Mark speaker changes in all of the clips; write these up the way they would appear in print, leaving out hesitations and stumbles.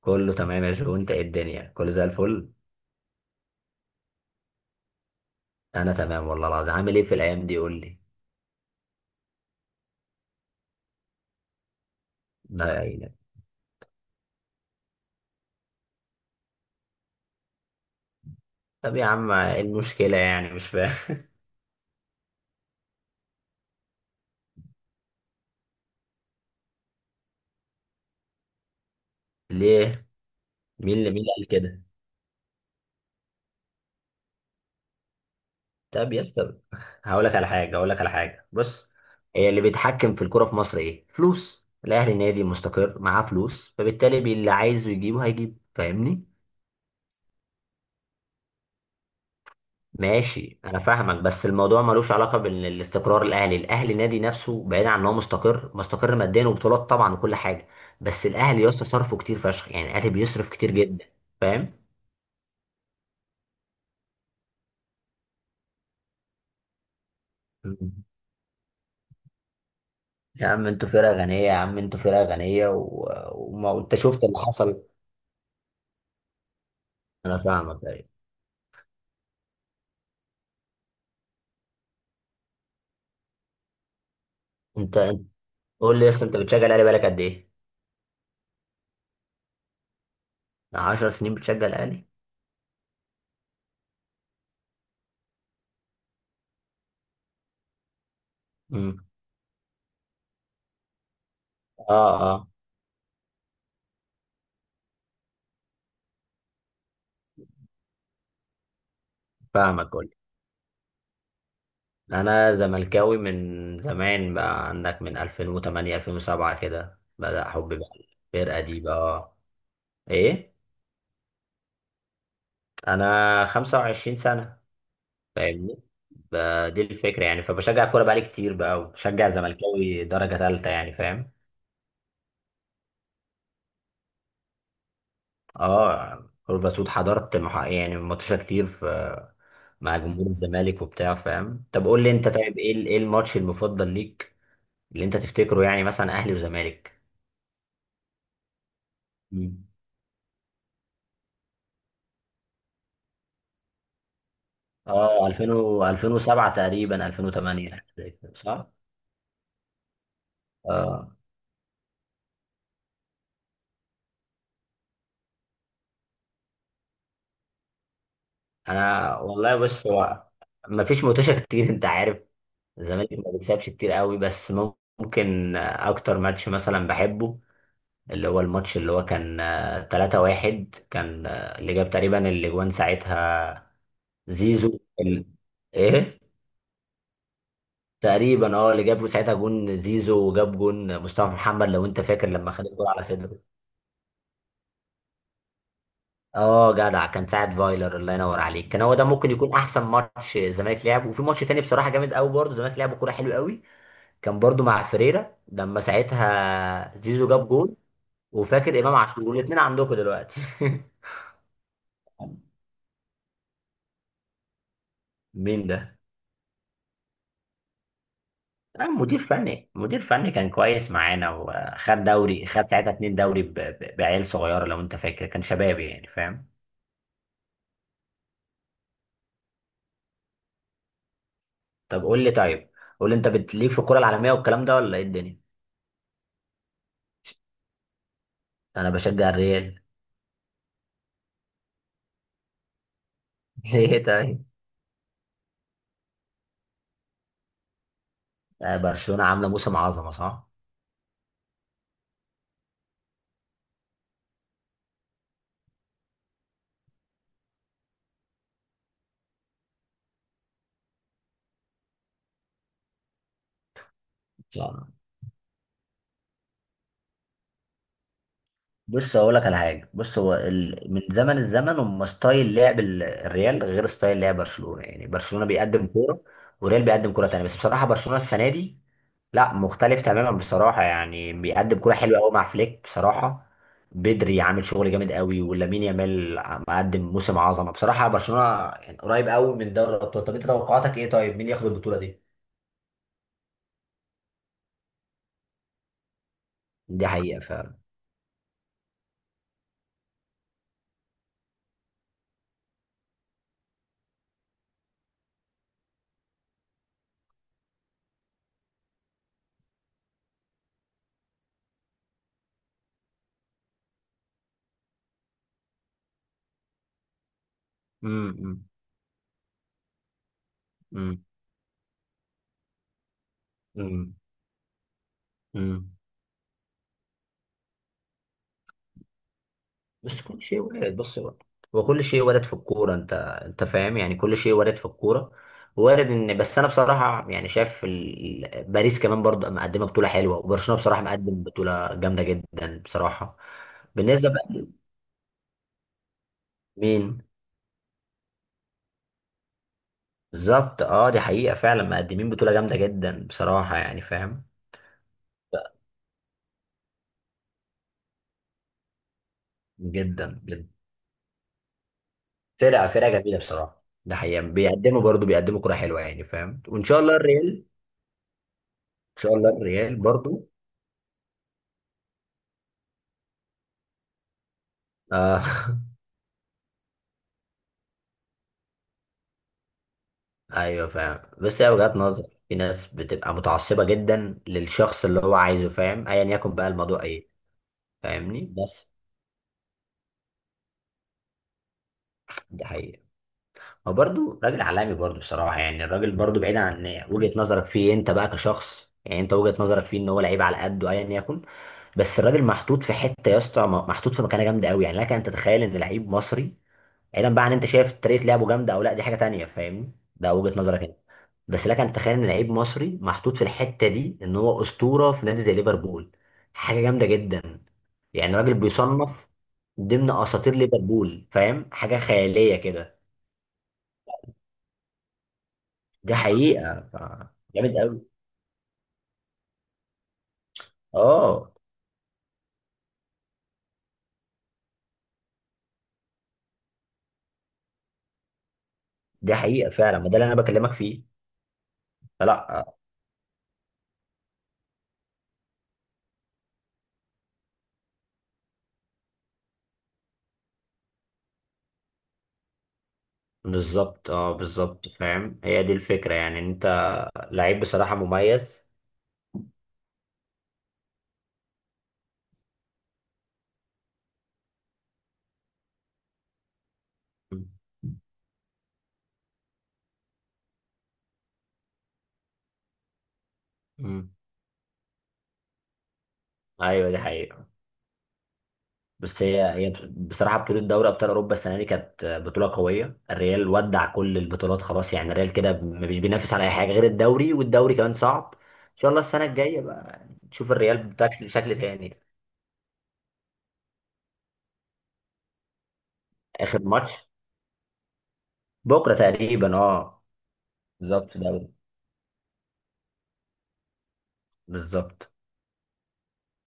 Speaker 1: كله تمام يا جو، انت ايه الدنيا؟ كله زي الفل. انا تمام والله العظيم. عامل ايه في الايام دي؟ قول لي. لا يعني. طب يا عم ايه المشكله يعني؟ مش فاهم. ليه؟ مين اللي قال كده؟ طب يا اسطى. هقول لك على حاجه، بص. هي اللي بيتحكم في الكوره في مصر ايه؟ فلوس الاهلي. نادي مستقر معاه فلوس، فبالتالي اللي عايزه يجيبه هيجيب. فاهمني؟ ماشي، انا فاهمك، بس الموضوع ملوش علاقه بالاستقرار الاهلي نادي نفسه بعيد عن ان هو مستقر. مستقر ماديا وبطولات طبعا وكل حاجه. بس الاهلي يا اسطى صرفه كتير فشخ، يعني الاهلي بيصرف كتير جدا. فاهم. مم. يا عم انتوا فرقه غنيه، يا عم انتوا فرقه غنيه و... وما انت شفت اللي حصل. انا فاهمك، ايوه. انت. قول لي يا اسطى، انت بتشجع الاهلي بقالك قد ايه؟ 10 سنين بتشجع الاهلي؟ امم. اه، اه. فاهمك. انا زملكاوي من زمان، بقى عندك من 2008 2007 كده بدأ حبي بقى. الفرقة دي بقى. ايه؟ انا 25 سنة. فاهمني. ب- دي الفكرة يعني. فبشجع الكورة بقالي كتير بقى، وبشجع زملكاوي درجة ثالثة يعني. فاهم؟ اه، كورة بسود حضرت يعني ماتشات كتير في مع جمهور الزمالك وبتاع. فاهم؟ طب قول لي انت، طيب ايه ايه الماتش المفضل ليك؟ اللي انت تفتكره يعني، مثلا اهلي وزمالك؟ مم. اه، 2000 و 2007 تقريبا 2008. صح؟ اه. انا والله بص هو ما فيش متوشة كتير انت عارف، الزمالك ما بيكسبش كتير قوي. بس ممكن اكتر ماتش مثلا بحبه، اللي هو الماتش اللي هو كان 3-1. كان اللي جاب تقريبا اللي جوان ساعتها زيزو ايه، تقريبا اه اللي جاب ساعتها جون زيزو، وجاب جون مصطفى محمد، لو انت فاكر لما خد الكورة على صدره. اه جدع، كان ساعد فايلر. الله ينور عليك. كان هو ده ممكن يكون احسن ماتش الزمالك لعبه. وفي ماتش تاني بصراحه جامد قوي برضه الزمالك لعبه كوره حلوه قوي. كان برضه مع فريرة، لما ساعتها زيزو جاب جول. وفاكر امام عاشور الاثنين عندكم دلوقتي. مين ده؟ آه، مدير فني كان كويس معانا، وخد دوري. خد ساعتها اتنين دوري بعيال صغيره، لو انت فاكر كان شباب يعني. فاهم؟ طب قول لي طيب، قول لي انت بتليك في الكره العالميه والكلام ده، ولا ايه الدنيا؟ انا بشجع الريال. ليه طيب؟ برشلونة عاملة موسم عظمة صح؟ يعني بص، أقول لك على حاجة. بص هو من زمن الزمن هم ستايل لعب الريال غير ستايل لعب برشلونة. يعني برشلونة بيقدم كورة، والريال بيقدم كورة تانية. بس بصراحة برشلونة السنة دي لا، مختلف تماما بصراحة. يعني بيقدم كورة حلوة قوي مع فليك بصراحة. بدري عامل شغل جامد قوي، ولامين يامال مقدم موسم عظمة بصراحة. برشلونة يعني قريب قوي من دوري الأبطال. طب أنت توقعاتك إيه؟ طيب مين ياخد البطولة دي؟ دي حقيقة فعلا. امم، امم، امم، امم. بس كل شيء وارد، بص بقى. هو كل شيء وارد في الكورة انت، انت فاهم يعني. كل شيء وارد في الكورة. وارد ان بس انا بصراحة يعني شايف باريس كمان برضه مقدمة بطولة حلوة، وبرشلونة بصراحة مقدم بطولة جامدة جدا بصراحة. بالنسبة بقى. مين؟ بالظبط، اه، دي حقيقة فعلا، مقدمين بطولة جامدة جدا بصراحة، يعني فاهم. جدا جدا. فرقة جميلة بصراحة، ده حقيقة، بيقدموا برضه بيقدموا كرة حلوة يعني، فاهم. وان شاء الله الريال. ان شاء الله الريال برضه. آه ايوه فاهم، بس هي وجهات نظر. في ناس بتبقى متعصبه جدا للشخص اللي هو عايزه، فاهم، ايا يكن بقى الموضوع ايه. فاهمني بس. دي حقيقه. هو برضه راجل عالمي برضه بصراحه، يعني الراجل برضه بعيد عن وجهه نظرك فيه. انت بقى كشخص، يعني انت وجهه نظرك فيه ان هو لعيب على قده ايا يكن. بس الراجل محطوط في حته يا اسطى، محطوط في مكانه جامده قوي. يعني لك ان تتخيل ان لعيب مصري، بعيدا بقى عن انت شايف طريقه لعبه جامده او لا، دي حاجه تانية فاهمني، ده وجهه نظرك انت. بس لك ان تتخيل ان لعيب مصري محطوط في الحته دي ان هو اسطوره في نادي زي ليفربول. حاجه جامده جدا. يعني راجل بيصنف ضمن اساطير ليفربول، فاهم، حاجه خياليه كده. دي حقيقه جامد قوي. اه دي حقيقه فعلا، ما ده اللي انا بكلمك فيه. فلا. بالظبط، اه بالظبط، فاهم. هي دي الفكره يعني. انت لعيب بصراحه مميز. مم. مم. ايوه دي حقيقه. بس هي بصراحه بطوله دوري ابطال اوروبا السنه دي كانت بطوله قويه. الريال ودع كل البطولات خلاص يعني. الريال كده مش بينافس على اي حاجه غير الدوري، والدوري كمان صعب. ان شاء الله السنه الجايه بقى نشوف الريال بتاعك بشكل شكل تاني. اخر ماتش؟ بكره تقريبا، اه. بالظبط دوري. بالظبط.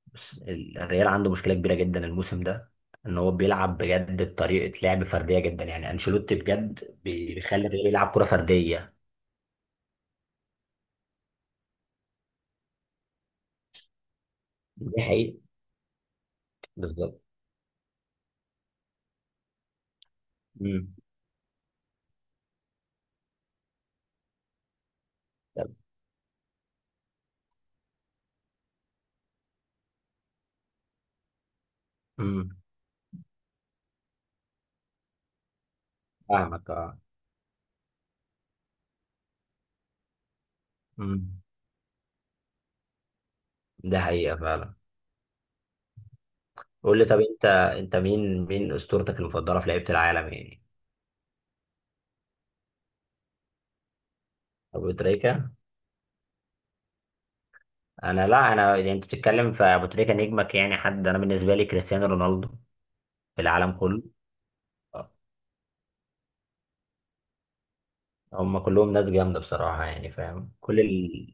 Speaker 1: بس الريال عنده مشكله كبيره جدا الموسم ده. ان هو بيلعب بجد بطريقه لعب فرديه جدا. يعني انشيلوتي بجد بيخلي الريال يلعب كره فرديه. دي حقيقة. بالظبط. امم. فاهمك، اه. مم. ده حقيقة فعلا. قول لي طب، انت مين اسطورتك المفضلة في لعيبة العالم يعني؟ ابو تريكة. انا لا، انا يعني انت بتتكلم في ابو تريكة نجمك يعني. حد انا بالنسبة لي كريستيانو رونالدو، في العالم كله. آه، هم كلهم ناس جامدة بصراحة، يعني فاهم، كل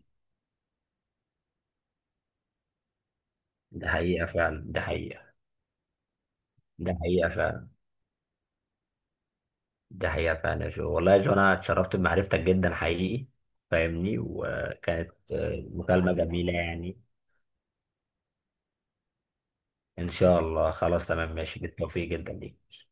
Speaker 1: ده حقيقة فعلا، ده حقيقة. ده حقيقة فعلا، ده حقيقة فعلا يا جو، والله يا جو انا اتشرفت بمعرفتك جدا حقيقي. فاهمني؟ وكانت مكالمة جميلة يعني. ان شاء الله. خلاص تمام ماشي، بالتوفيق جدا ليك.